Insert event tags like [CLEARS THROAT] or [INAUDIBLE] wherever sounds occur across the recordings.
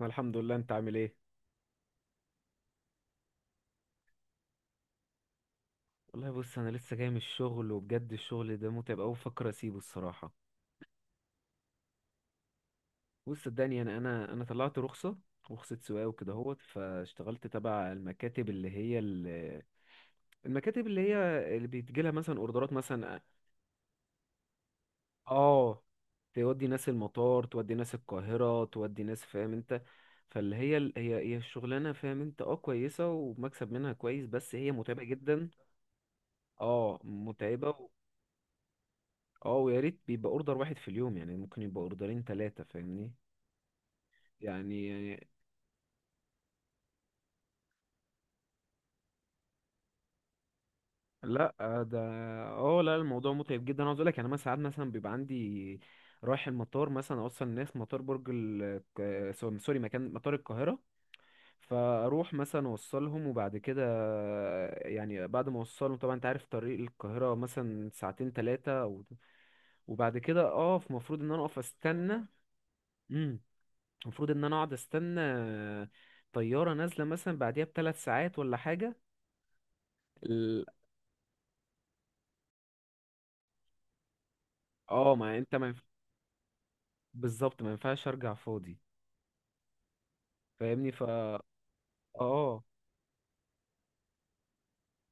انا الحمد لله. انت عامل ايه؟ والله بص، انا لسه جاي من الشغل، وبجد الشغل ده متعب قوي، بفكر اسيبه الصراحه. بص صدقني، انا طلعت رخصه، رخصه سواقه وكده اهوت، فاشتغلت تبع المكاتب اللي هي المكاتب اللي هي اللي بيتجيلها مثلا اوردرات مثلا. اه، تودي ناس المطار، تودي ناس القاهره، تودي ناس، فاهم انت؟ فاللي هي ال- هي هي الشغلانه فاهم انت، اه كويسه ومكسب منها كويس، بس هي متعبه جدا. اه، متعبه. اه، ويا ريت بيبقى اوردر واحد في اليوم، يعني ممكن يبقى اوردرين ثلاثة، فاهمني. يعني لا، ده اه لا، الموضوع متعب جدا، عاوز اقول لك. يعني مثلا ساعات مثلا بيبقى عندي رايح المطار، مثلا اوصل الناس مطار برج سوري، مكان مطار القاهرة، فاروح مثلا اوصلهم. وبعد كده يعني بعد ما اوصلهم، طبعا انت عارف طريق القاهرة مثلا ساعتين ثلاثة، وبعد كده اقف، المفروض ان انا اقف استنى. إمم. المفروض ان انا اقعد استنى طيارة نازلة، مثلا بعديها بـ 3 ساعات ولا حاجة. ال- اه ما انت ما ينف- بالظبط، ما ينفعش ارجع فاضي، فاهمني. ف اه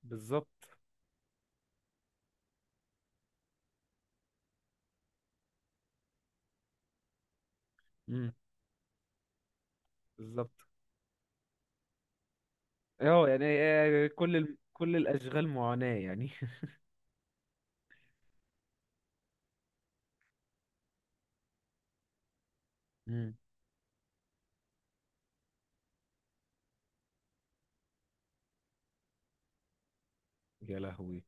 بالظبط. امم بالظبط. اه يعني كل الاشغال معاناة يعني. [LAUGHS] امم. يا لهوي،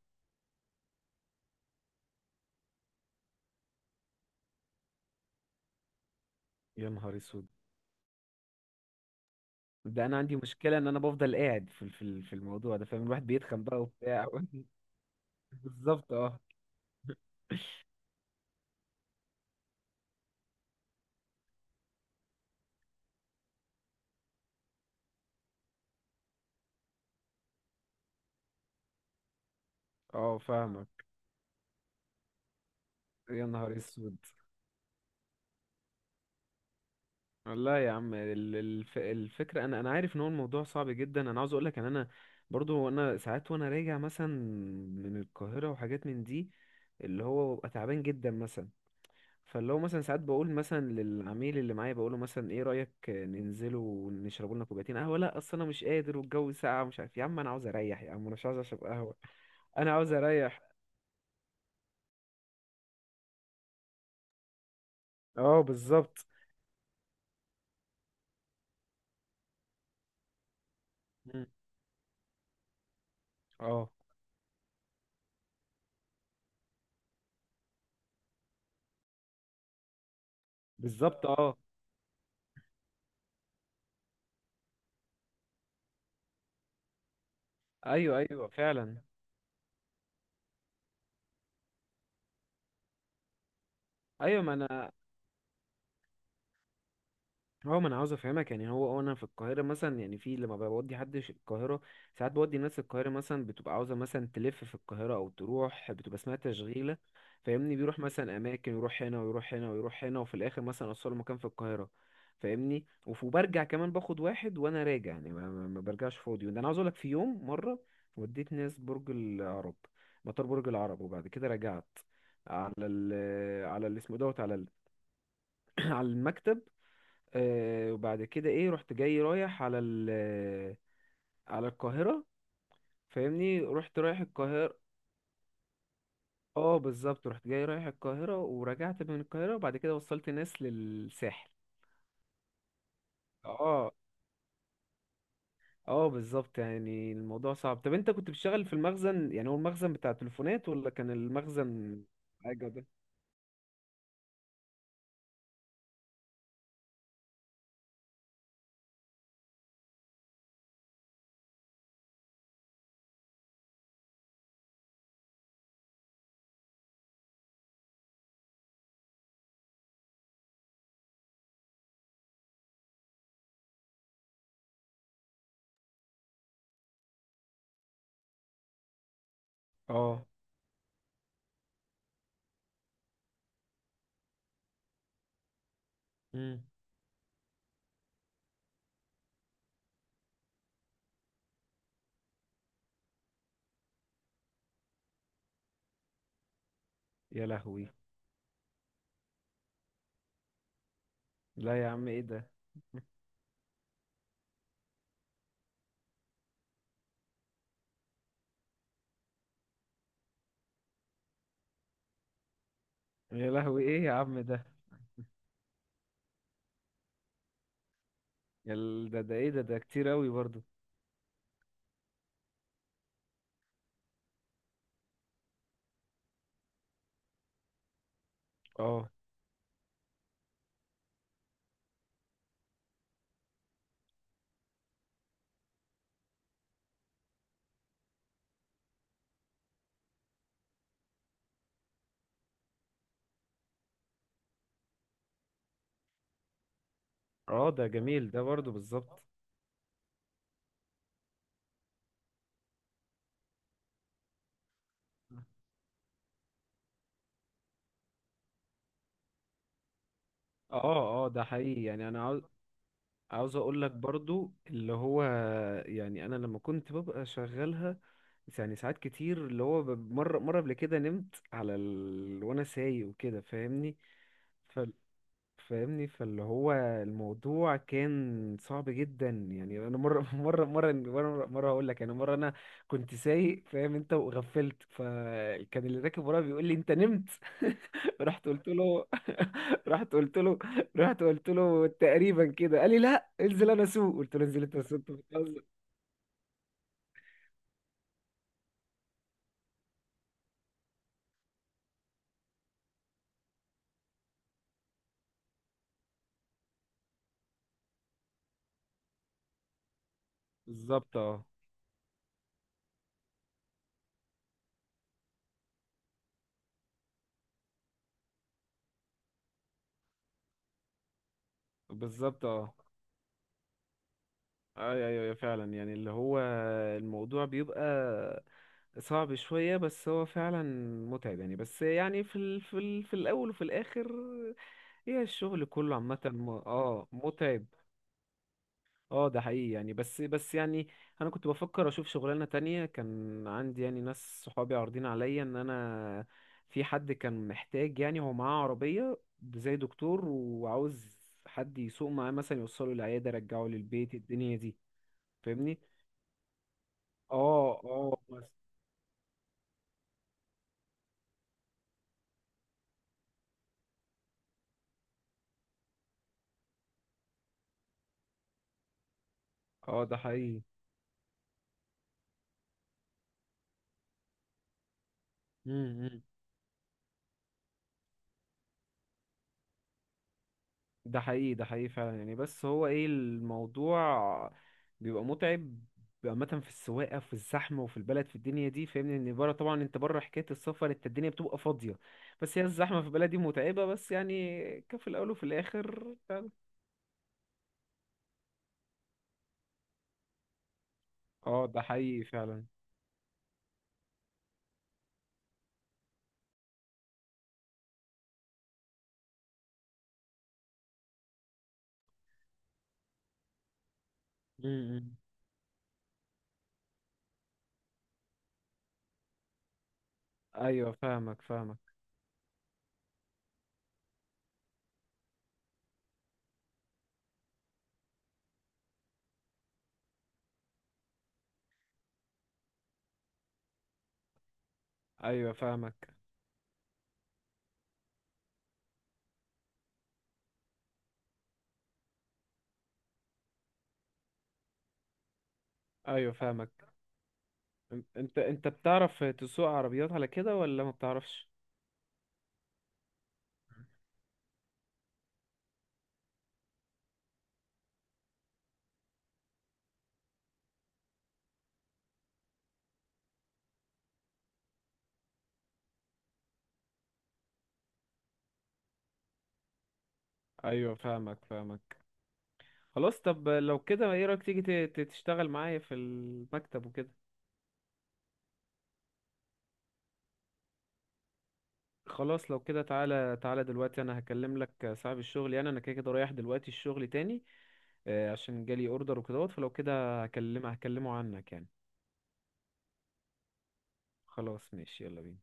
يا نهار اسود. ده انا عندي مشكلة ان انا بفضل قاعد في الموضوع ده، فاهم؟ الواحد بيتخن بقى وبتاع. [LAUGHS] بالظبط. اه، اه، فاهمك. يا نهار اسود. والله يا عم، الفكرة أنا عارف إن هو الموضوع صعب جدا، أنا عاوز أقولك إن أنا برضو، أنا ساعات وأنا راجع مثلا من القاهرة وحاجات من دي، اللي هو ببقى تعبان جدا مثلا. فاللي هو مثلا ساعات بقول مثلا للعميل اللي معايا، بقوله مثلا: إيه رأيك ننزلوا ونشربوا لنا كوبايتين قهوة؟ لأ، أصل أنا مش قادر، والجو ساقع ومش عارف يا عم، أنا عاوز أريح يا عم، أنا مش عاوز أشرب قهوة. أنا عاوز أريح. أه، بالظبط. مم. أه، بالظبط. أه، أيوه، أيوه فعلا. ايوه، ما انا، هو ما انا عاوز افهمك يعني، هو انا في القاهره مثلا، يعني في لما بودي حد القاهره. ساعات بودي ناس القاهره مثلا، بتبقى عاوزه مثلا تلف في القاهره او تروح، بتبقى اسمها تشغيله، فاهمني؟ بيروح مثلا اماكن، يروح هنا ويروح هنا ويروح هنا، وفي الاخر مثلا اوصله مكان في القاهره، فاهمني. وبرجع كمان باخد واحد وانا راجع، يعني ما برجعش فاضي. وده انا عاوز اقول لك، في يوم مره وديت ناس برج العرب، مطار برج العرب، وبعد كده رجعت على ال على اللي اسمه دوت، [CLEARS THROAT] على المكتب. وبعد كده ايه، رحت جاي رايح على ال آه، على القاهرة، فاهمني، رحت رايح القاهرة. اه بالظبط، رحت جاي رايح القاهرة ورجعت من القاهرة، وبعد كده وصلت ناس للساحل. اه، اه بالظبط، يعني الموضوع صعب. طب انت كنت بتشتغل في المخزن، يعني هو المخزن بتاع التليفونات ولا كان المخزن حاجة؟ ده اه. مم. يا لهوي. لا يا عم، ايه ده؟ يا لهوي، ايه يا عم ده؟ ده ايه ده؟ ده كتير اوي برضو. اه، اه ده جميل ده برضو، بالظبط. اه، اه، ده حقيقي يعني، انا عاوز اقول لك برضو اللي هو، يعني انا لما كنت ببقى شغالها، يعني ساعات كتير اللي هو مرة قبل كده نمت وانا سايق وكده، فاهمني فاهمني. فاللي هو الموضوع كان صعب جدا، يعني انا مره [LAUGHS] مره هقول لك، يعني مره انا كنت سايق فاهم انت، وغفلت، فكان اللي راكب ورايا بيقول لي: انت نمت. [LAUGHS] رحت قلت له [LAUGHS] رحت قلت له رحت قلت له تقريبا كده، قال لي: لا انزل انا اسوق. قلت له: انزل انت اسوق؟ أنت بتهزر. بالظبط اه، بالظبط اه. ايوه، ايوه، أيوة فعلا، يعني اللي هو الموضوع بيبقى صعب شوية، بس هو فعلا متعب يعني. بس يعني في الأول وفي الآخر هي الشغل كله عامة، م... اه متعب. اه ده حقيقي يعني. بس يعني، أنا كنت بفكر أشوف شغلانة تانية. كان عندي يعني ناس صحابي عارضين عليا إن أنا، في حد كان محتاج، يعني هو معاه عربية زي دكتور، وعاوز حد يسوق معاه مثلا، يوصله العيادة يرجعه للبيت، الدنيا دي، فاهمني؟ اه، اه بس. اه ده حقيقي. مم، مم. ده حقيقي، ده حقيقي فعلا يعني، بس هو ايه، الموضوع بيبقى متعب عامة، في السواقة، في الزحمة، وفي البلد، في الدنيا دي، فاهمني. ان بره طبعا، انت بره حكاية السفر، انت الدنيا بتبقى فاضية. بس هي الزحمة في البلد دي متعبة، بس يعني كفي الأول وفي الآخر فعلا. اه ده حقيقي فعلا. امم. ايوه، فاهمك، فاهمك. ايوه، فاهمك. ايوه، فاهمك. انت بتعرف تسوق عربيات على كده ولا ما بتعرفش؟ ايوه، فاهمك، فاهمك. خلاص، طب لو كده ايه رأيك تيجي تشتغل معايا في المكتب وكده؟ خلاص لو كده، تعالى تعالى دلوقتي، انا هكلم لك صاحب الشغل، يعني انا كده كده رايح دلوقتي الشغل تاني، عشان جالي اوردر وكده. فلو كده هكلمه عنك يعني. خلاص ماشي، يلا بينا.